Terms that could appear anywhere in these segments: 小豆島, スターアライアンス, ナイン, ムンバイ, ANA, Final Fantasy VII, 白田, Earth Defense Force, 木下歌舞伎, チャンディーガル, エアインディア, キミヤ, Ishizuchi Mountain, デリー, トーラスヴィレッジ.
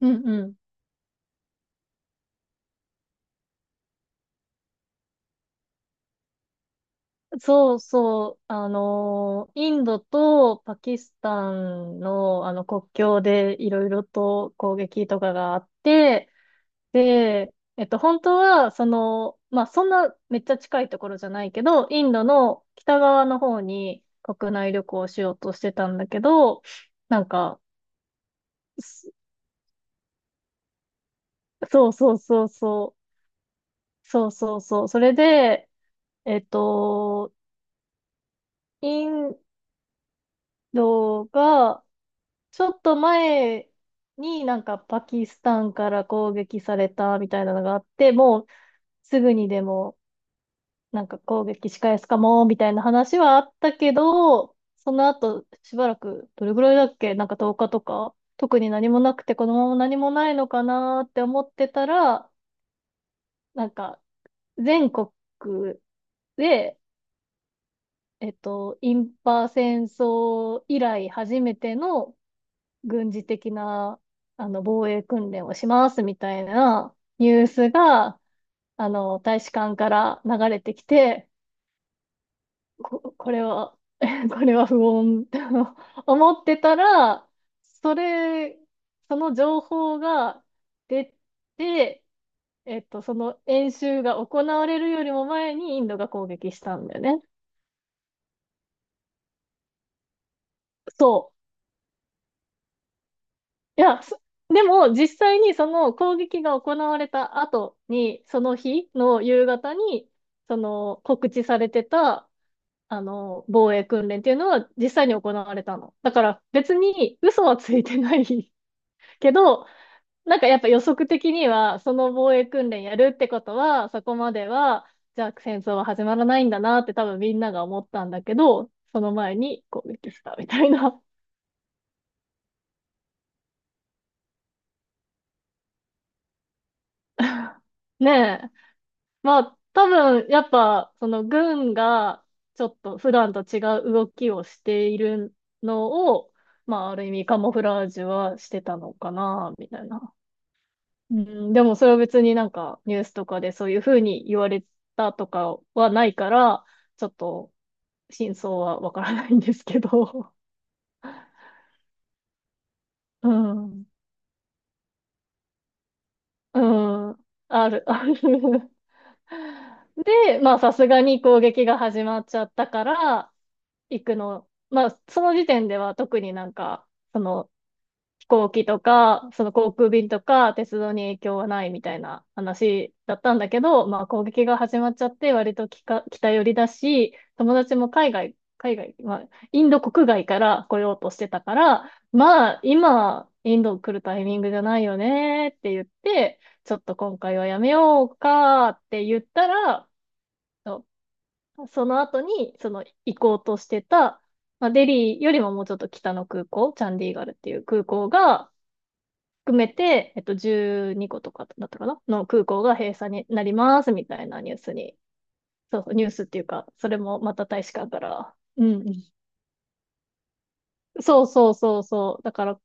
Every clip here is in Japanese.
うんうん。そうそう。インドとパキスタンの、あの国境でいろいろと攻撃とかがあって、で、本当は、その、まあ、そんなめっちゃ近いところじゃないけど、インドの北側の方に国内旅行をしようとしてたんだけど、なんか、すそうそうそうそう、そうそうそう、それで、えっと、インドが、ちょっと前になんかパキスタンから攻撃されたみたいなのがあって、もうすぐにでもなんか攻撃仕返すかもみたいな話はあったけど、その後しばらくどれぐらいだっけなんか10日とか特に何もなくてこのまま何もないのかなーって思ってたら、なんか全国で、インパ戦争以来初めての軍事的な、あの、防衛訓練をしますみたいなニュースが、あの、大使館から流れてきて、これは、これは不穏って 思ってたら、それ、その情報が出て、その演習が行われるよりも前にインドが攻撃したんだよね。そう。いや、でも実際にその攻撃が行われた後に、その日の夕方に、その告知されてた、あの、防衛訓練っていうのは実際に行われたの。だから別に嘘はついてない けど、なんかやっぱ予測的には、その防衛訓練やるってことは、そこまでは、じゃあ戦争は始まらないんだなって多分みんなが思ったんだけど、その前に攻撃したみたいな。ねえ。まあ、多分、やっぱ、その軍が、ちょっと普段と違う動きをしているのを、まあ、ある意味カモフラージュはしてたのかな、みたいな。うん、でもそれは別になんかニュースとかでそういうふうに言われたとかはないから、ちょっと真相はわからないんですけど。うん。うん。ある、ある。で、まあさすがに攻撃が始まっちゃったから、行くの、まあ、その時点では特になんか、その飛行機とか、その航空便とか、鉄道に影響はないみたいな話だったんだけど、まあ、攻撃が始まっちゃって、割ときか北寄りだし、友達も海外、海外、まあ、インド国外から来ようとしてたから、まあ、今、インド来るタイミングじゃないよねって言って、ちょっと今回はやめようかって言ったら、その後に、その行こうとしてた、まあ、デリーよりももうちょっと北の空港、チャンディーガルっていう空港が含めて、12個とかだったかなの空港が閉鎖になりますみたいなニュースに、そうそう、ニュースっていうか、それもまた大使館から、うん、そうそうそうそう、だから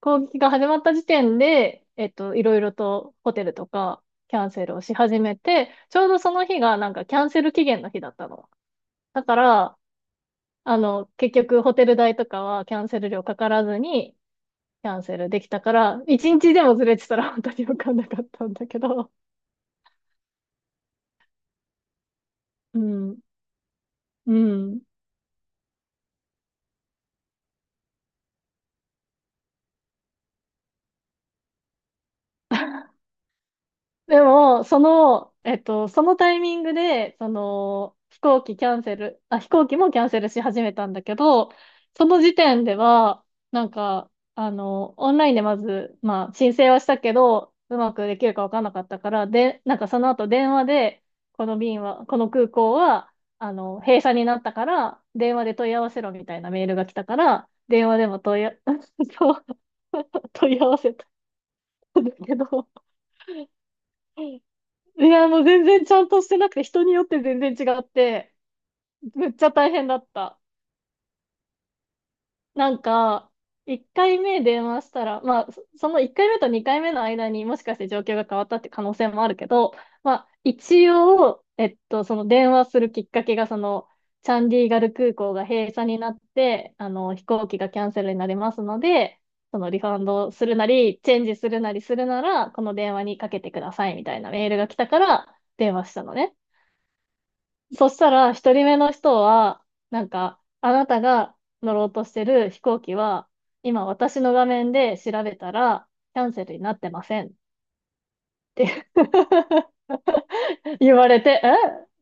攻撃が始まった時点で、いろいろとホテルとかキャンセルをし始めて、ちょうどその日がなんかキャンセル期限の日だったの。だから、あの、結局ホテル代とかはキャンセル料かからずにキャンセルできたから、一日でもずれてたら本当に分かんなかったんだけど、うん、うん。でも、その、そのタイミングで、その、飛行機もキャンセルし始めたんだけど、その時点では、なんか、あの、オンラインでまず、まあ、申請はしたけど、うまくできるかわかんなかったから、で、なんかその後電話で、この便は、この空港は、あの、閉鎖になったから、電話で問い合わせろみたいなメールが来たから、電話でも問い合、そう問い合わせたんだけどいや、もう全然ちゃんとしてなくて、人によって全然違って、めっちゃ大変だった。なんか、1回目電話したら、まあ、その1回目と2回目の間にもしかして状況が変わったって可能性もあるけど、まあ、一応、その電話するきっかけが、その、チャンディーガル空港が閉鎖になって、あの、飛行機がキャンセルになりますので、そのリファンドするなり、チェンジするなりするなら、この電話にかけてくださいみたいなメールが来たから、電話したのね。そしたら、一人目の人は、なんか、あなたが乗ろうとしてる飛行機は、今私の画面で調べたら、キャンセルになってませんって 言われて、え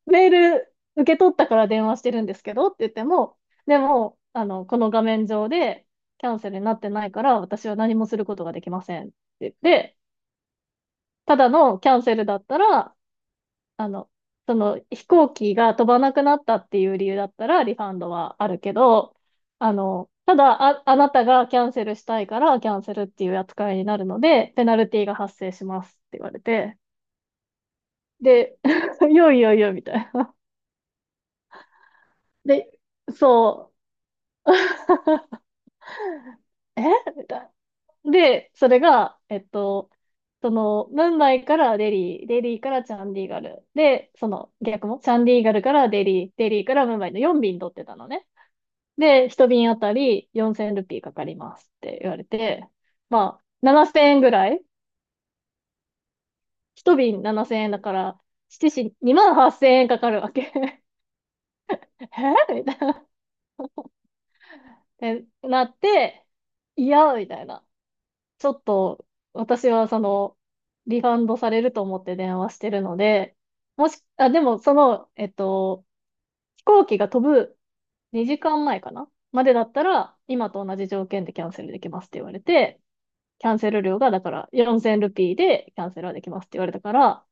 メール受け取ったから電話してるんですけどって言っても、でも、あの、この画面上でキャンセルになってないから、私は何もすることができませんって言って、ただのキャンセルだったら、あの、その飛行機が飛ばなくなったっていう理由だったらリファンドはあるけど、あの、ただあ、あなたがキャンセルしたいからキャンセルっていう扱いになるので、ペナルティが発生しますって言われて、で、いよいよいよみたいな。で、そう。えみたいな。で、それが、その、ムンバイからデリー、デリーからチャンディーガル、で、その逆も、チャンディーガルからデリー、デリーからムンバイの4便取ってたのね。で、一瓶あたり4000ルピーかかりますって言われて、まあ、7000円ぐらい一瓶7000円だから、7時2万8000円かかるわけ。えみたいな。ってなって、いや、みたいな。ちょっと、私はその、リファンドされると思って電話してるので、もし、あ、でもその、飛行機が飛ぶ2時間前かなまでだったら、今と同じ条件でキャンセルできますって言われて、キャンセル料が、だから4000ルピーでキャンセルはできますって言われたから、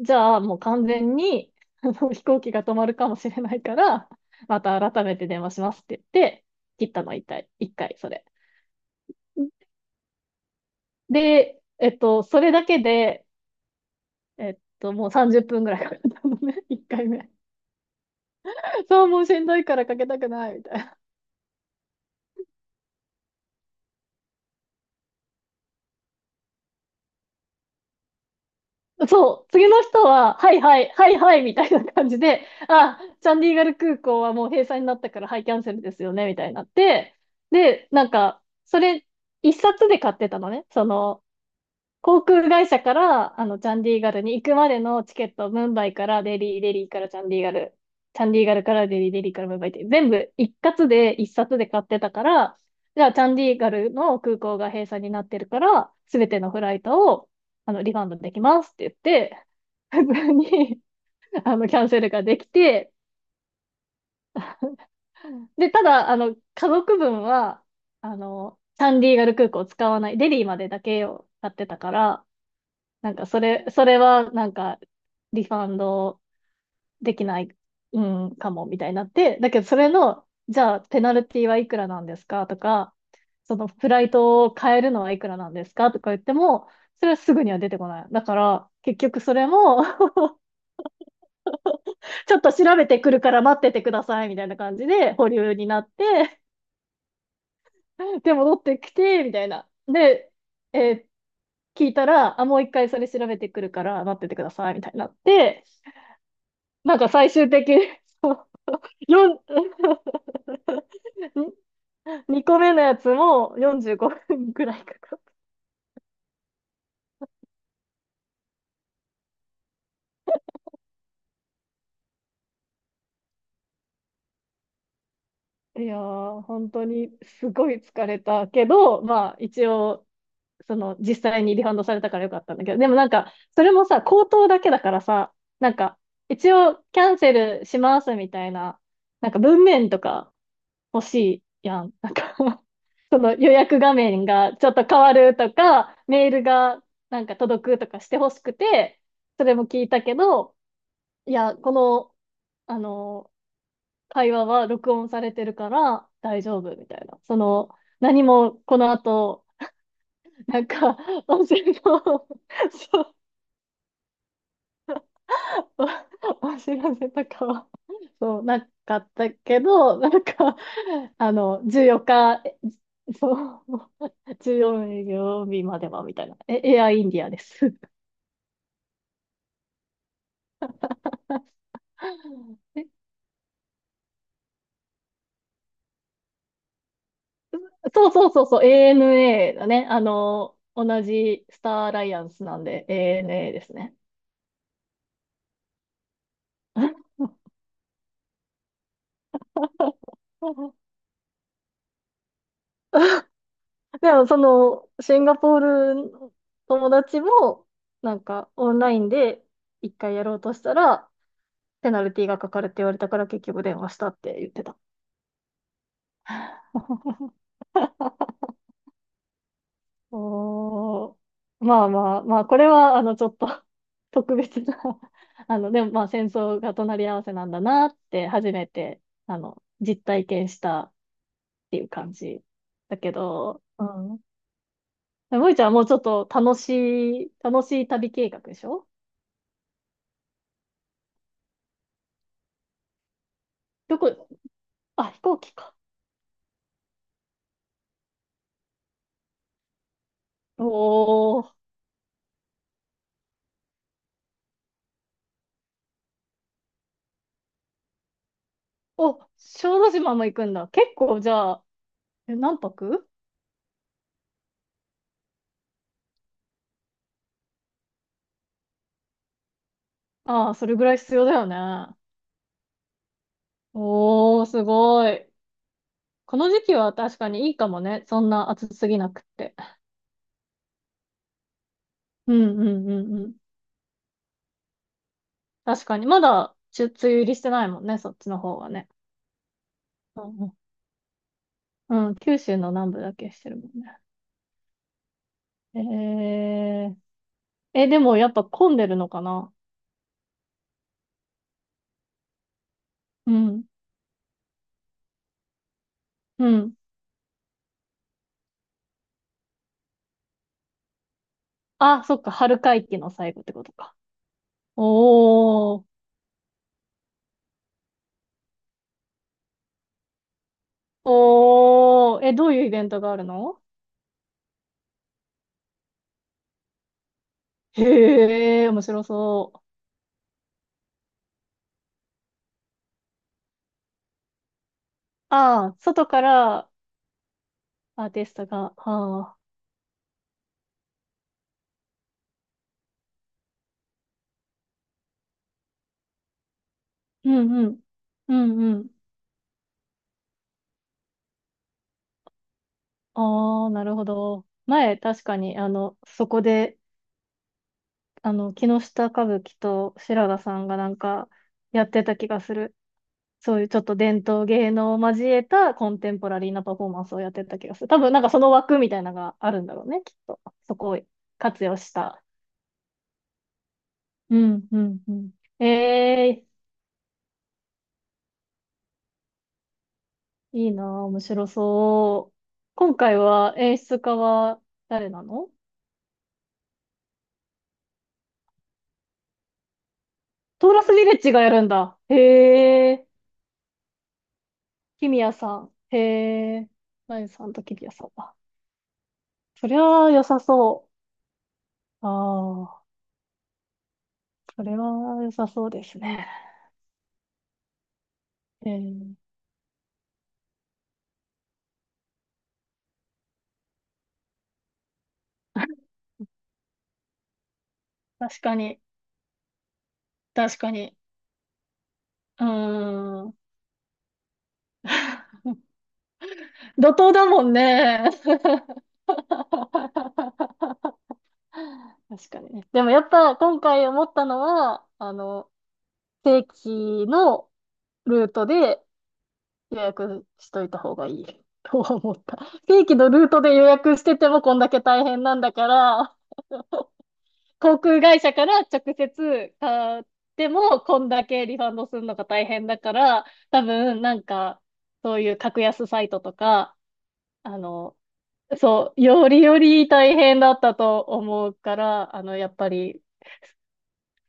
じゃあもう完全にあの 飛行機が止まるかもしれないから、また改めて電話しますって言って、切ったの一回、一回、それ。で、それだけで、もう30分ぐらいかかったのね、一回目。そう、もうしんどいからかけたくない、みたいな。そう、次の人は、はいはい、はいはい、みたいな感じで、あ、チャンディーガル空港はもう閉鎖になったから、はい、キャンセルですよね、みたいになって、で、なんか、それ、一冊で買ってたのね。航空会社から、チャンディーガルに行くまでのチケット、ムンバイからデリー、デリーからチャンディーガル、チャンディーガルからデリー、デリーからムンバイって、全部一括で一冊で買ってたから、じゃあ、チャンディーガルの空港が閉鎖になってるから、すべてのフライトを、リファンドできますって言って、普通に、キャンセルができて、で、ただ、家族分は、サンディーガル空港を使わない、デリーまでだけを買ってたから、それは、リファンドできない、うん、かも、みたいになって、だけど、それの、じゃあ、ペナルティはいくらなんですかとか、フライトを変えるのはいくらなんですかとか言っても、それはすぐには出てこない。だから、結局それもちょっと調べてくるから待っててください、みたいな感じで保留になって、で、戻ってきて、みたいな。で、えー聞いたら、あ、もう一回それ調べてくるから待っててください、みたいになって、なんか最終的に4、2個目のやつも45分くらいかかった。いやー、本当にすごい疲れたけど、まあ一応実際にリファンドされたからよかったんだけど、でもなんか、それもさ、口頭だけだからさ、なんか、一応キャンセルしますみたいな、なんか文面とか欲しいやん。なんか その予約画面がちょっと変わるとか、メールがなんか届くとかして欲しくて、それも聞いたけど、いや、この、あの、会話は録音されてるから大丈夫みたいな。その、何もこの後、なんか、音声の そうわ 知らせとかは、そう、なかったけど、なんか、14日、そう、14営業日までは、みたいな。え、エアインディアです。えそうそうそうそう、ANA だね。あの、同じスターアライアンスなんで、ANA ですね。でも、シンガポールの友達も、なんか、オンラインで一回やろうとしたら、ペナルティがかかるって言われたから結局電話したって言ってた。おー、まあまあまあ、これは、ちょっと 特別な でもまあ、戦争が隣り合わせなんだなって、初めて、実体験したっていう感じだけど、うん。でもいちゃんはもうちょっと楽しい、楽しい旅計画でしょ？どこ、あ、飛行機か。おー、お、小豆島も行くんだ。結構、じゃあ、え何泊？ああ、それぐらい必要だよね。おー、すごい。この時期は確かにいいかもね。そんな暑すぎなくって。うんうんうんうん。確かに。まだ、ちゅ梅雨入りしてないもんね。そっちの方はね。うんうん。うん、九州の南部だけしてるもんね。えー、え、でもやっぱ混んでるのかな？うん。うん。あ、そっか。春会期の最後ってことか。おー。おー。え、どういうイベントがあるの？へえ、面白そう。ああ、外からアーティストが、はあ、うんうん、うんうん。ああ、なるほど。前、確かに、そこで、木下歌舞伎と白田さんがなんか、やってた気がする。そういうちょっと伝統芸能を交えたコンテンポラリーなパフォーマンスをやってた気がする。多分、なんかその枠みたいなのがあるんだろうね、きっと。そこを活用した。うん、うん、うん。ええいいなあ、面白そう。今回は演出家は誰なの？トーラスヴィレッジがやるんだ。へえ。キミヤさん。へえ。ナインさんとキミヤさんだ。そりゃあ良さそう。ああ、それは良さそうですね。えー、確かに、確かに。うーん。怒涛だもんね。確かにね。でもやっぱ今回思ったのは、正規のルートで予約しといた方がいい とは思った。正規のルートで予約しててもこんだけ大変なんだから、航空会社から直接買ってもこんだけリファンドするのが大変だから、多分なんかそういう格安サイトとか、あの、そう、よりより大変だったと思うから、やっぱり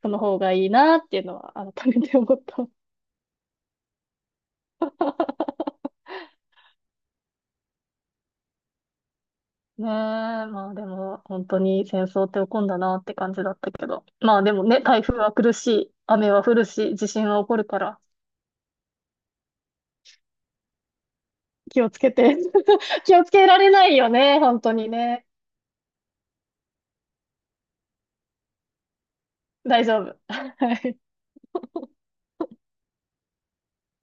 その方がいいなっていうのは改めて思った。ねえ、まあでも本当に戦争って起こんだなって感じだったけど。まあでもね、台風は来るし、雨は降るし、地震は起こるから、気をつけて。気をつけられないよね、本当にね。大丈夫。